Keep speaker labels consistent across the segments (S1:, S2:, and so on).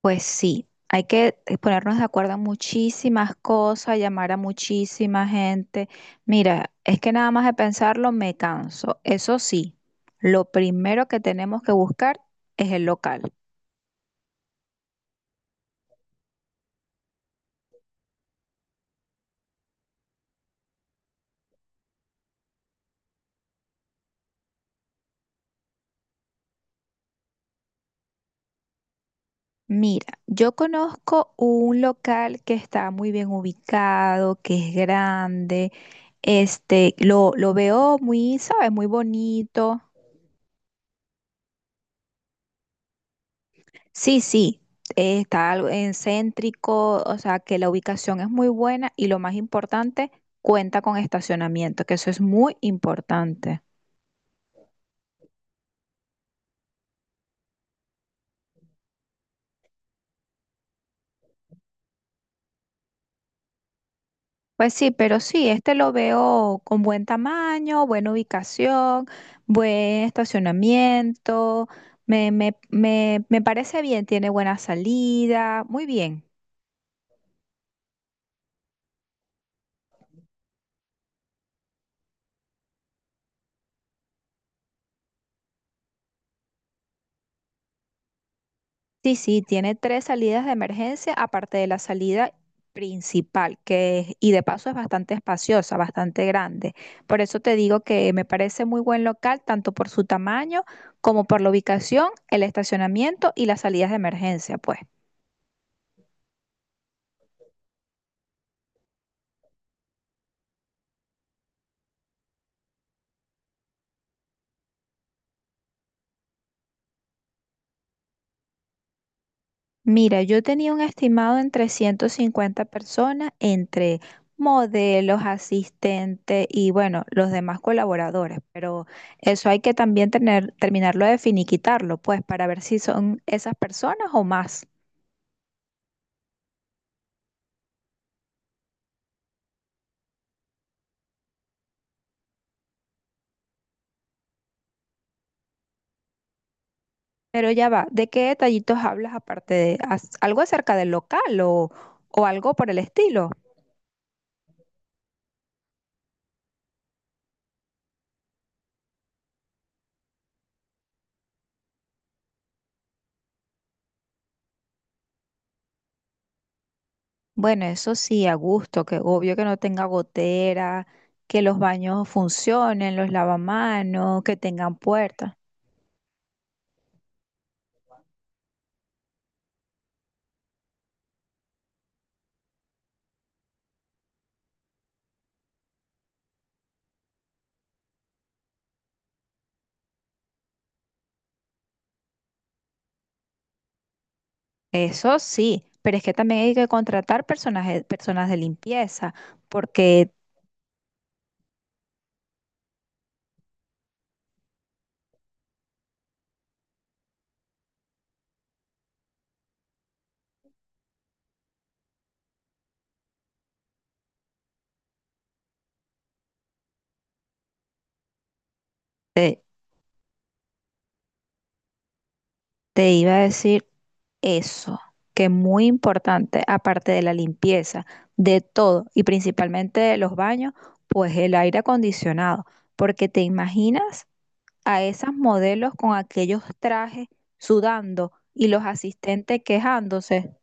S1: Pues sí, hay que ponernos de acuerdo en muchísimas cosas, llamar a muchísima gente. Mira, es que nada más de pensarlo me canso. Eso sí, lo primero que tenemos que buscar es el local. Mira, yo conozco un local que está muy bien ubicado, que es grande, lo veo muy, ¿sabes? Muy bonito. Sí, sí, está algo en céntrico, o sea que la ubicación es muy buena y lo más importante, cuenta con estacionamiento, que eso es muy importante. Pues sí, pero sí, lo veo con buen tamaño, buena ubicación, buen estacionamiento, me parece bien, tiene buena salida, muy bien. Sí, sí, tiene tres salidas de emergencia, aparte de la salida principal, que y de paso es bastante espaciosa, bastante grande. Por eso te digo que me parece muy buen local, tanto por su tamaño como por la ubicación, el estacionamiento y las salidas de emergencia, pues. Mira, yo tenía un estimado entre 50 personas, entre modelos, asistentes y bueno, los demás colaboradores, pero eso hay que también tener, terminarlo de finiquitarlo, pues, para ver si son esas personas o más. Pero ya va, ¿de qué detallitos hablas aparte de algo acerca del local o algo por el estilo? Bueno, eso sí, a gusto, que obvio que no tenga gotera, que los baños funcionen, los lavamanos, que tengan puertas. Eso sí, pero es que también hay que contratar personas, personas de limpieza, porque te, te iba a decir eso, que es muy importante, aparte de la limpieza, de todo, y principalmente de los baños, pues el aire acondicionado, porque te imaginas a esas modelos con aquellos trajes sudando y los asistentes quejándose.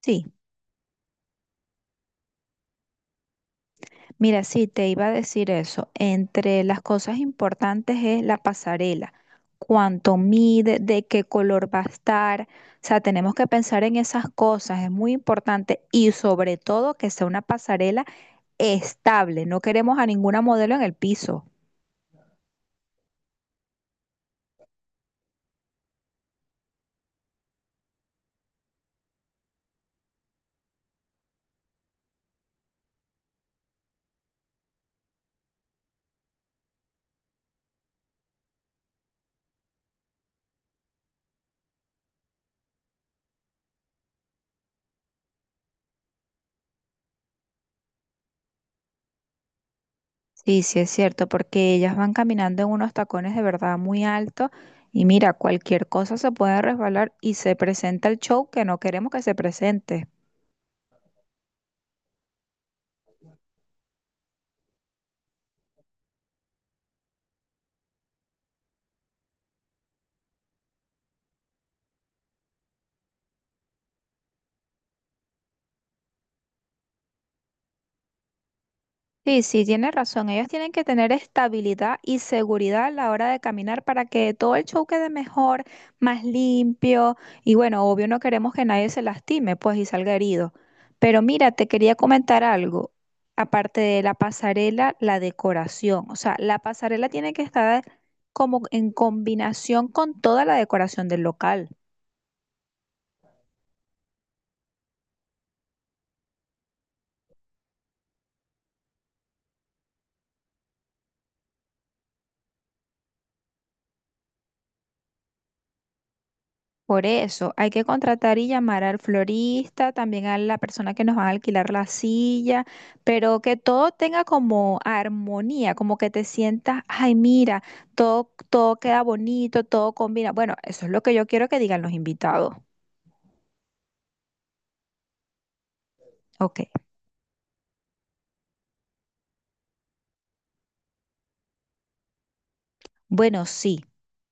S1: Sí. Mira, sí, te iba a decir eso. Entre las cosas importantes es la pasarela, cuánto mide, de qué color va a estar. O sea, tenemos que pensar en esas cosas, es muy importante y sobre todo que sea una pasarela estable. No queremos a ninguna modelo en el piso. Sí, sí es cierto, porque ellas van caminando en unos tacones de verdad muy altos y mira, cualquier cosa se puede resbalar y se presenta el show que no queremos que se presente. Sí, sí, tienes razón. Ellos tienen que tener estabilidad y seguridad a la hora de caminar para que todo el show quede mejor, más limpio. Y bueno, obvio no queremos que nadie se lastime, pues, y salga herido. Pero mira, te quería comentar algo. Aparte de la pasarela, la decoración. O sea, la pasarela tiene que estar como en combinación con toda la decoración del local. Por eso hay que contratar y llamar al florista, también a la persona que nos va a alquilar la silla, pero que todo tenga como armonía, como que te sientas, ay, mira, todo, todo queda bonito, todo combina. Bueno, eso es lo que yo quiero que digan los invitados. Ok, bueno, sí.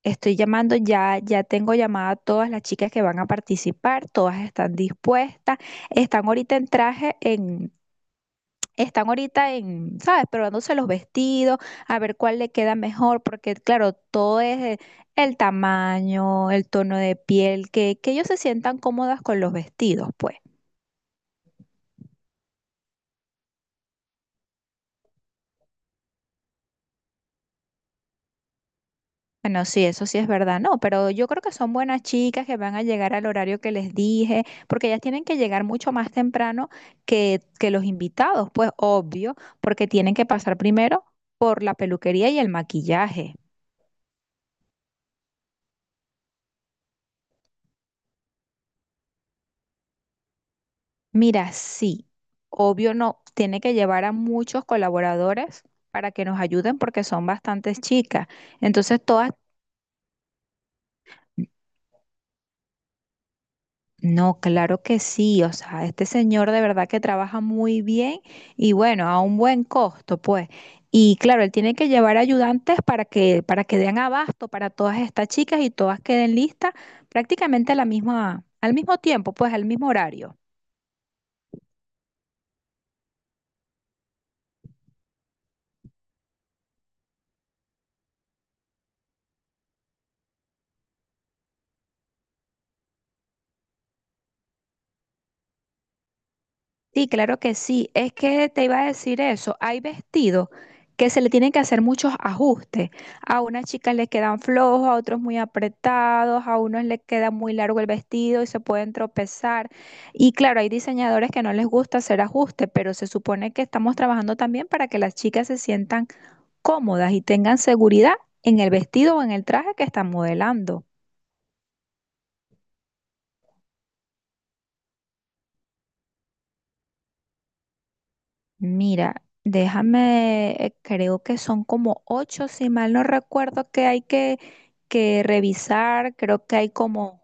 S1: Estoy llamando ya, ya tengo llamada a todas las chicas que van a participar, todas están dispuestas, están ahorita en traje, están ahorita en, ¿sabes? Probándose los vestidos, a ver cuál le queda mejor, porque claro, todo es el tamaño, el tono de piel, que ellos se sientan cómodas con los vestidos, pues. Bueno, sí, eso sí es verdad, no, pero yo creo que son buenas chicas que van a llegar al horario que les dije, porque ellas tienen que llegar mucho más temprano que los invitados, pues obvio, porque tienen que pasar primero por la peluquería y el maquillaje. Mira, sí, obvio no, tiene que llevar a muchos colaboradores para que nos ayuden porque son bastantes chicas. Entonces, todas, no, claro que sí, o sea, este señor de verdad que trabaja muy bien y bueno, a un buen costo, pues. Y claro, él tiene que llevar ayudantes para que den abasto para todas estas chicas y todas queden listas prácticamente a la misma, al mismo tiempo, pues al mismo horario. Sí, claro que sí. Es que te iba a decir eso. Hay vestidos que se le tienen que hacer muchos ajustes. A unas chicas les quedan flojos, a otros muy apretados, a unos les queda muy largo el vestido y se pueden tropezar. Y claro, hay diseñadores que no les gusta hacer ajustes, pero se supone que estamos trabajando también para que las chicas se sientan cómodas y tengan seguridad en el vestido o en el traje que están modelando. Mira, déjame, creo que son como ocho, si mal no recuerdo, que hay que revisar. Creo que hay como,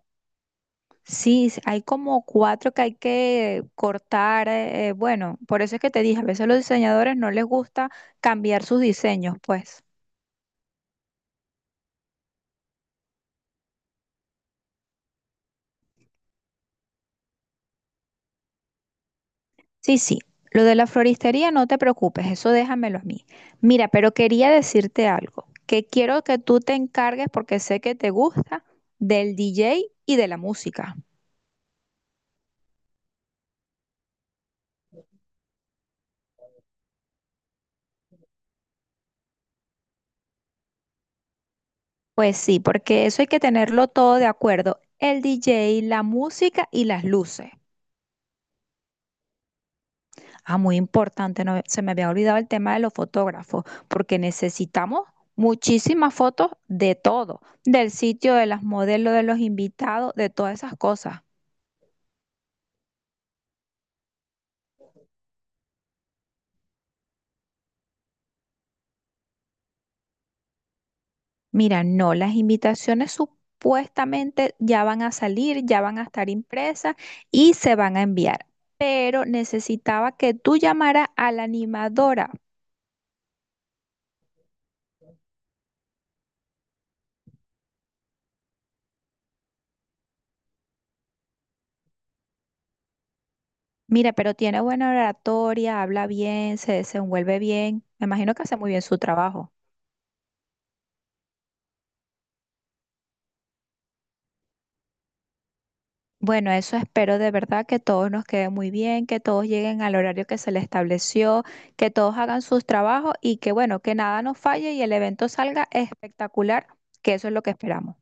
S1: sí, hay como cuatro que hay que cortar. Bueno, por eso es que te dije, a veces a los diseñadores no les gusta cambiar sus diseños, pues. Sí, sí, lo de la floristería no te preocupes, eso déjamelo a mí. Mira, pero quería decirte algo, que quiero que tú te encargues, porque sé que te gusta, del DJ y de la música. Pues sí, porque eso hay que tenerlo todo de acuerdo. El DJ, la música y las luces. Ah, muy importante, no, se me había olvidado el tema de los fotógrafos, porque necesitamos muchísimas fotos de todo, del sitio, de las modelos, de los invitados, de todas esas cosas. Mira, no, las invitaciones supuestamente ya van a salir, ya van a estar impresas y se van a enviar pero necesitaba que tú llamaras a la animadora. Mira, pero tiene buena oratoria, habla bien, se desenvuelve bien. Me imagino que hace muy bien su trabajo. Bueno, eso espero de verdad que todos nos quede muy bien, que todos lleguen al horario que se les estableció, que todos hagan sus trabajos y que bueno, que nada nos falle y el evento salga espectacular, que eso es lo que esperamos.